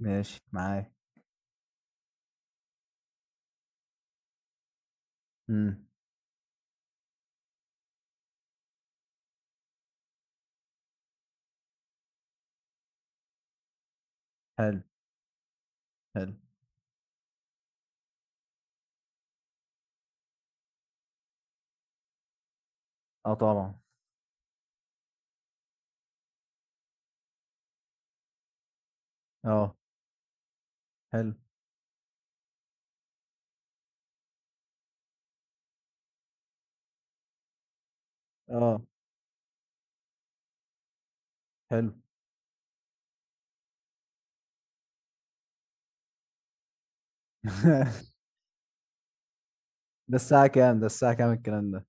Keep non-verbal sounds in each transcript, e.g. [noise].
ماشي معايا. امم. حلو، حلو. اه، طبعا. اه. حلو. اه. حلو. [laughs] ده الساعة كام الكلام ده؟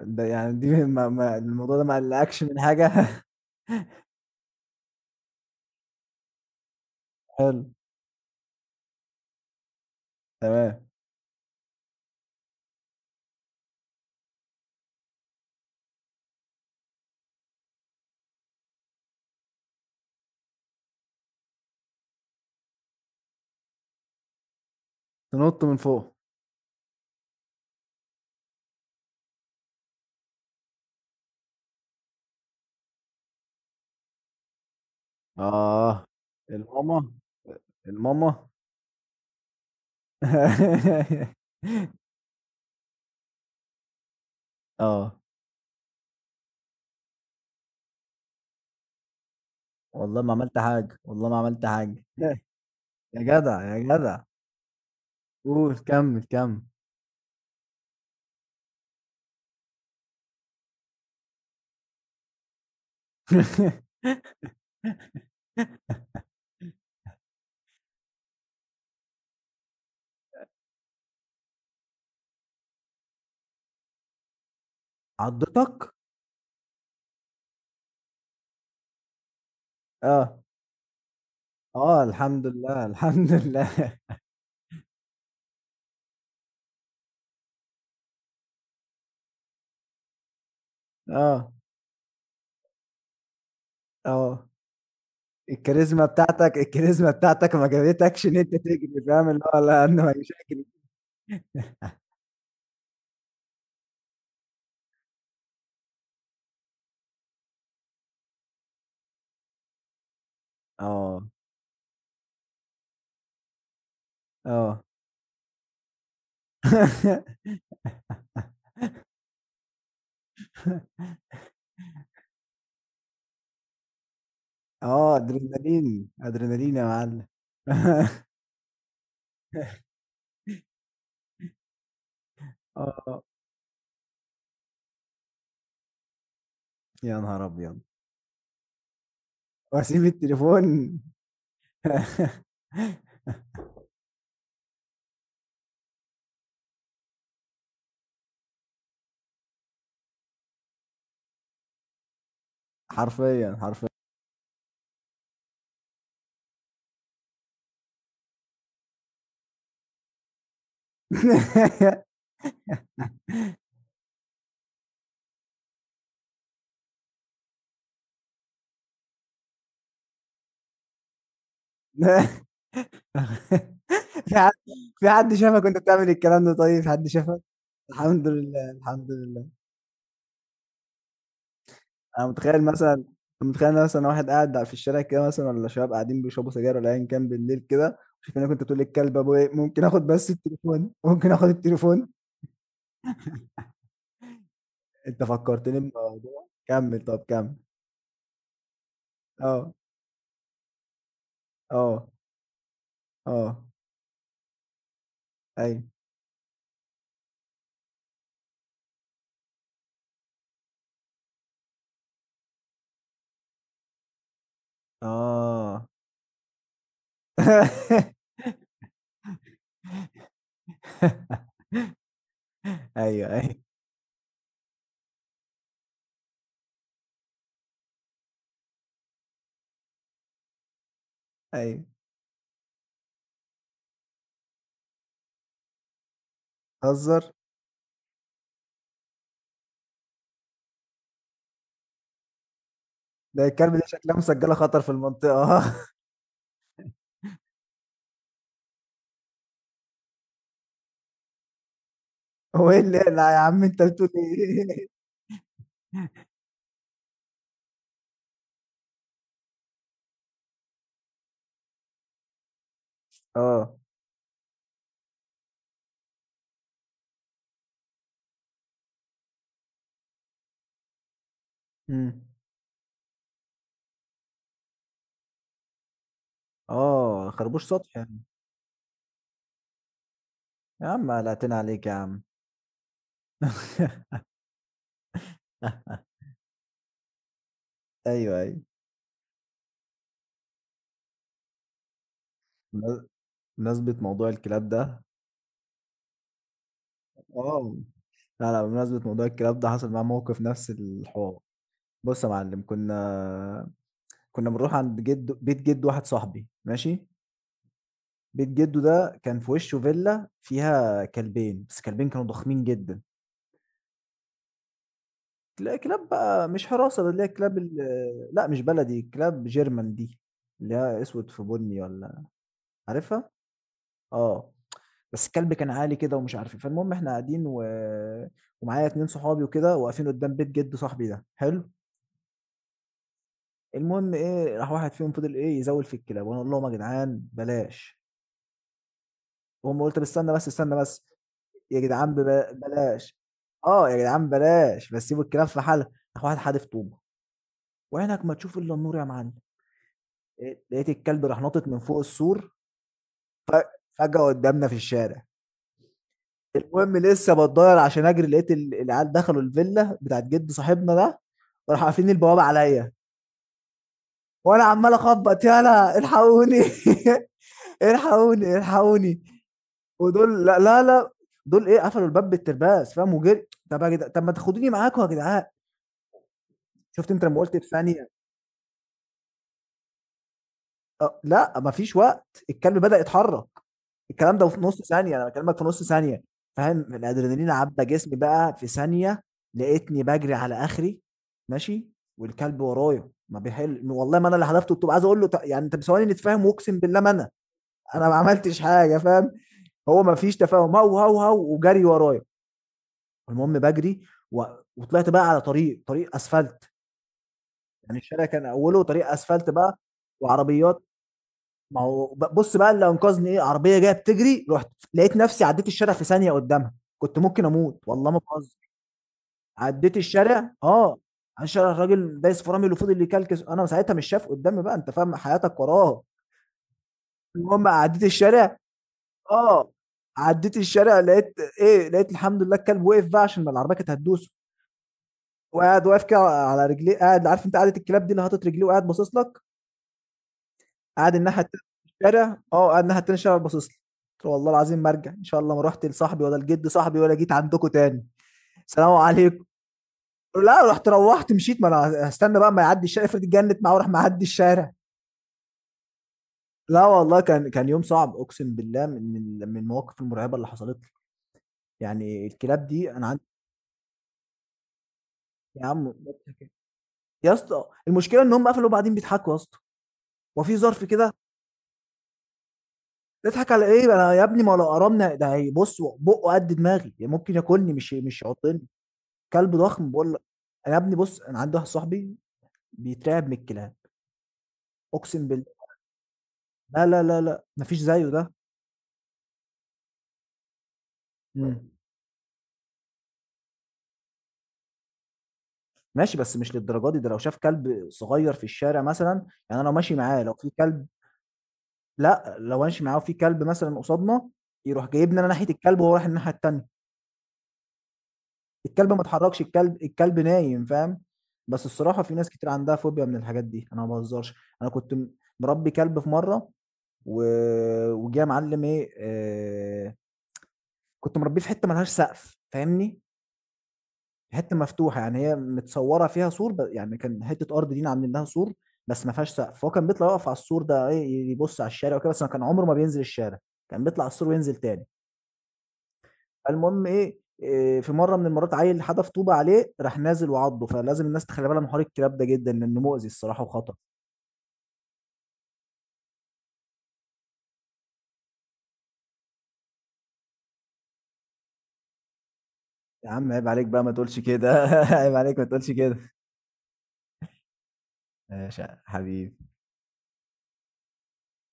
ده يعني دي ما الموضوع ده ما قلقكش من حاجة؟ [laughs] حلو. تمام. تنط من فوق. اه. الماما، الماما. [laughs] اه، والله ما عملت حاجة، والله ما عملت حاجة. [laughs] يا جدع، يا جدع. قول، كمل كمل. [laughs] عضتك؟ اه. آه، الحمد لله، الحمد لله. [laughs] آه، آه. الكاريزما بتاعتك ما جابتكش إن أنت تجري، فاهم، اللي هو لأ أنا مش هاجري. آه، آه. [laughs] آه، أدرينالين، أدرينالين يا معلم. [laughs] آه، يا نهار أبيض! وأسيب التليفون؟ [laughs] حرفيًا، حرفيًا. [laughs] في حد في حد شافك وأنت بتعمل الكلام ده؟ طيب، في حد شافك؟ الحمد لله، الحمد لله. انا متخيل مثلا أنا متخيل مثلا واحد قاعد في الشارع كده مثلا، ولا شباب قاعدين بيشربوا سجاير، ولا ايا كان بالليل كده، شايفينك انت تقول للكلب ابو ايه ممكن اخد بس التليفون، ممكن اخد التليفون. انت فكرتني بموضوع، كمل، طب كمل. اه، اه، اه. ايوه، اه. [laughs] ايوه، ايوه، ايوه. هزر. ده الكلب ده شكلها مسجله خطر في المنطقه. [laughs] هو ايه اللي لا يا عم، انت بتقول ايه؟ اه. امم. اه، خربوش سطح يعني. يا عم قلقتنا عليك يا عم. [laughs] ايوه، ايوه. بم- بمناسبة موضوع الكلاب ده. اه، لا لا، بمناسبة موضوع الكلاب ده حصل معاه موقف نفس الحوار. بص يا معلم، كنا بنروح عند جد، بيت جد واحد صاحبي، ماشي. بيت جده ده كان في وشه فيلا فيها كلبين، بس كلبين كانوا ضخمين جدا. تلاقي كلاب بقى، مش حراسة، ده اللي هي كلاب لا مش بلدي، كلاب جيرمان دي، اللي هي اسود في بني، ولا عارفها؟ آه، بس الكلب كان عالي كده ومش عارف إيه. فالمهم إحنا قاعدين، و ومعايا 2 صحابي وكده، واقفين قدّام بيت جِد صاحبي ده، حلو. المهم إيه، راح واحد فيهم فضل إيه، يزوّل في الكلاب، وأنا أقول لهم: "يا جدعان بلاش." وأمّا قُلت: "طَب استنى بس، استنى بس، يا جدعان بلاش." آه، "يا جدعان بلاش، بس سيبوا الكلاب في حالها." راح واحد حادف طوبة، "وعينك ما تشوف إلا النور يا معلم." لقيت الكلب راح ناطط من فوق السور فجأة قدّامنا في الشارع. المهم لسه بتضاير عشان اجري، لقيت العيال دخلوا الفيلا بتاعت جد صاحبنا ده، وراحوا قافلين البوابه عليا، وانا عمال اخبط، يالا الحقوني. [laughs] الحقوني، الحقوني. ودول لا لا لا، دول ايه قفلوا الباب بالترباس، فاهم؟ وجري. طب يا جدعان، طب ما تاخدوني معاكم يا جدعان. شفت انت لما قلت في ثانيه؟ أه، لا مفيش وقت، الكلب بدأ يتحرك. الكلام ده في نص ثانية، أنا بكلمك في نص ثانية. فاهم؟ الأدرينالين عدى جسمي بقى في ثانية. لقيتني بجري على آخري، ماشي، والكلب ورايا ما بيحل. والله ما أنا اللي حذفته الطوب، عايز أقول له يعني، أنت بثواني نتفاهم، وأقسم بالله ما أنا ما عملتش حاجة، فاهم. هو ما فيش تفاهم، هو وجري ورايا. المهم بجري و... وطلعت بقى على طريق أسفلت. يعني الشارع كان أوله طريق أسفلت بقى وعربيات. ما هو بص بقى، اللي انقذني ايه، عربيه جايه بتجري، رحت لقيت نفسي عديت الشارع في ثانيه قدامها، كنت ممكن اموت، والله ما بهزر. عديت الشارع، اه. على الشارع الراجل دايس فرامل وفضل اللي يكلكس، انا ساعتها مش شايف قدامي بقى، انت فاهم، حياتك وراه. المهم عديت الشارع. اه، عديت الشارع، لقيت ايه، لقيت الحمد لله الكلب وقف بقى عشان العربيه كانت هتدوسه. وقاعد واقف كده على رجليه، قاعد، عارف انت قعدة الكلاب دي اللي حاطط رجليه وقاعد باصص لك. قاعد الناحية التانية في الشارع. آه، قاعد الناحية التانية في الشارع باصص لي. قلت له والله العظيم ما أرجع، إن شاء الله ما رُحت لصاحبي، ولا لجد صاحبي، ولا جيت عندكم تاني، سلام عليكم. لأ، رُحت، روّحت، مشيت، ما أنا هاستنى بقى أمّا يعدّي الشارع، افرض اتجنِّت معاه وراح معدّي الشارع. لا والله، كان يوم صعب، أقسم بالله، من المواقف المرعبة اللي حصلت لي. يعني الكلاب دي أنا عندي. يا عم، يا اسطى، المشكلة إن هم قفلوا وبعدين بيضحكوا يا اسطى، هو في ظرف كده؟ نضحك على إيه أنا يا ابني، ما هو لو قرمنا ده هيبُص بُقُّه قد دماغي، يعني ممكن ياكلني، مش يعضني. كلب ضخم باقول لك. أنا يا ابني بُص، أنا عندي واحد صاحبي بيترعب من الكلاب، أقسم بالله. لا، لا، لا، لأ، ما فيش زيه ده. إمم. ماشي، بس مش للدرجة دي، ده لو شاف كلب صغير في الشارع مثلًا، يعني أنا لو ماشي معاه لو في كلب. لأ، لو ماشي معاه وفي كلب مثلًا قصادنا، يروح جايبني أنا ناحية الكلب وهو رايح الناحية التانية، الكلب ما اتحركش، الكلب نايم، فاهم؟ بس الصراحة في ناس كتير عندها فوبيا من الحاجات دي، أنا ما باهزرش. أنا كنت مربي كلب في مرة، و وجه يا معلم إيه كنت مربيه في حتة ما لهاش سقف، فاهمني؟ حتة مفتوحة، يعني هي متصورة فيها سور يعني كان حتة أرض لينا عاملين لها سور، بس ما فيهاش سقف. هو كان بيطلع يقف على السور ده إيه، يبص على الشارع وكده، بس ما كان عمره ما بينزل الشارع، كان بيطلع على السور وينزل تاني. فالمهم إيه في مرة من المرات، عيل حدف طوبة عليه، راح نازل وعضه. فلازم الناس تخلي بالها من حوار الكلاب ده جدًا لأنه مؤذي الصراحة وخطر. يا عم عيب عليك بقى ما تقولش كده، [laughs] عيب عليك ما تقولش كده. ماشي يا حبيبي.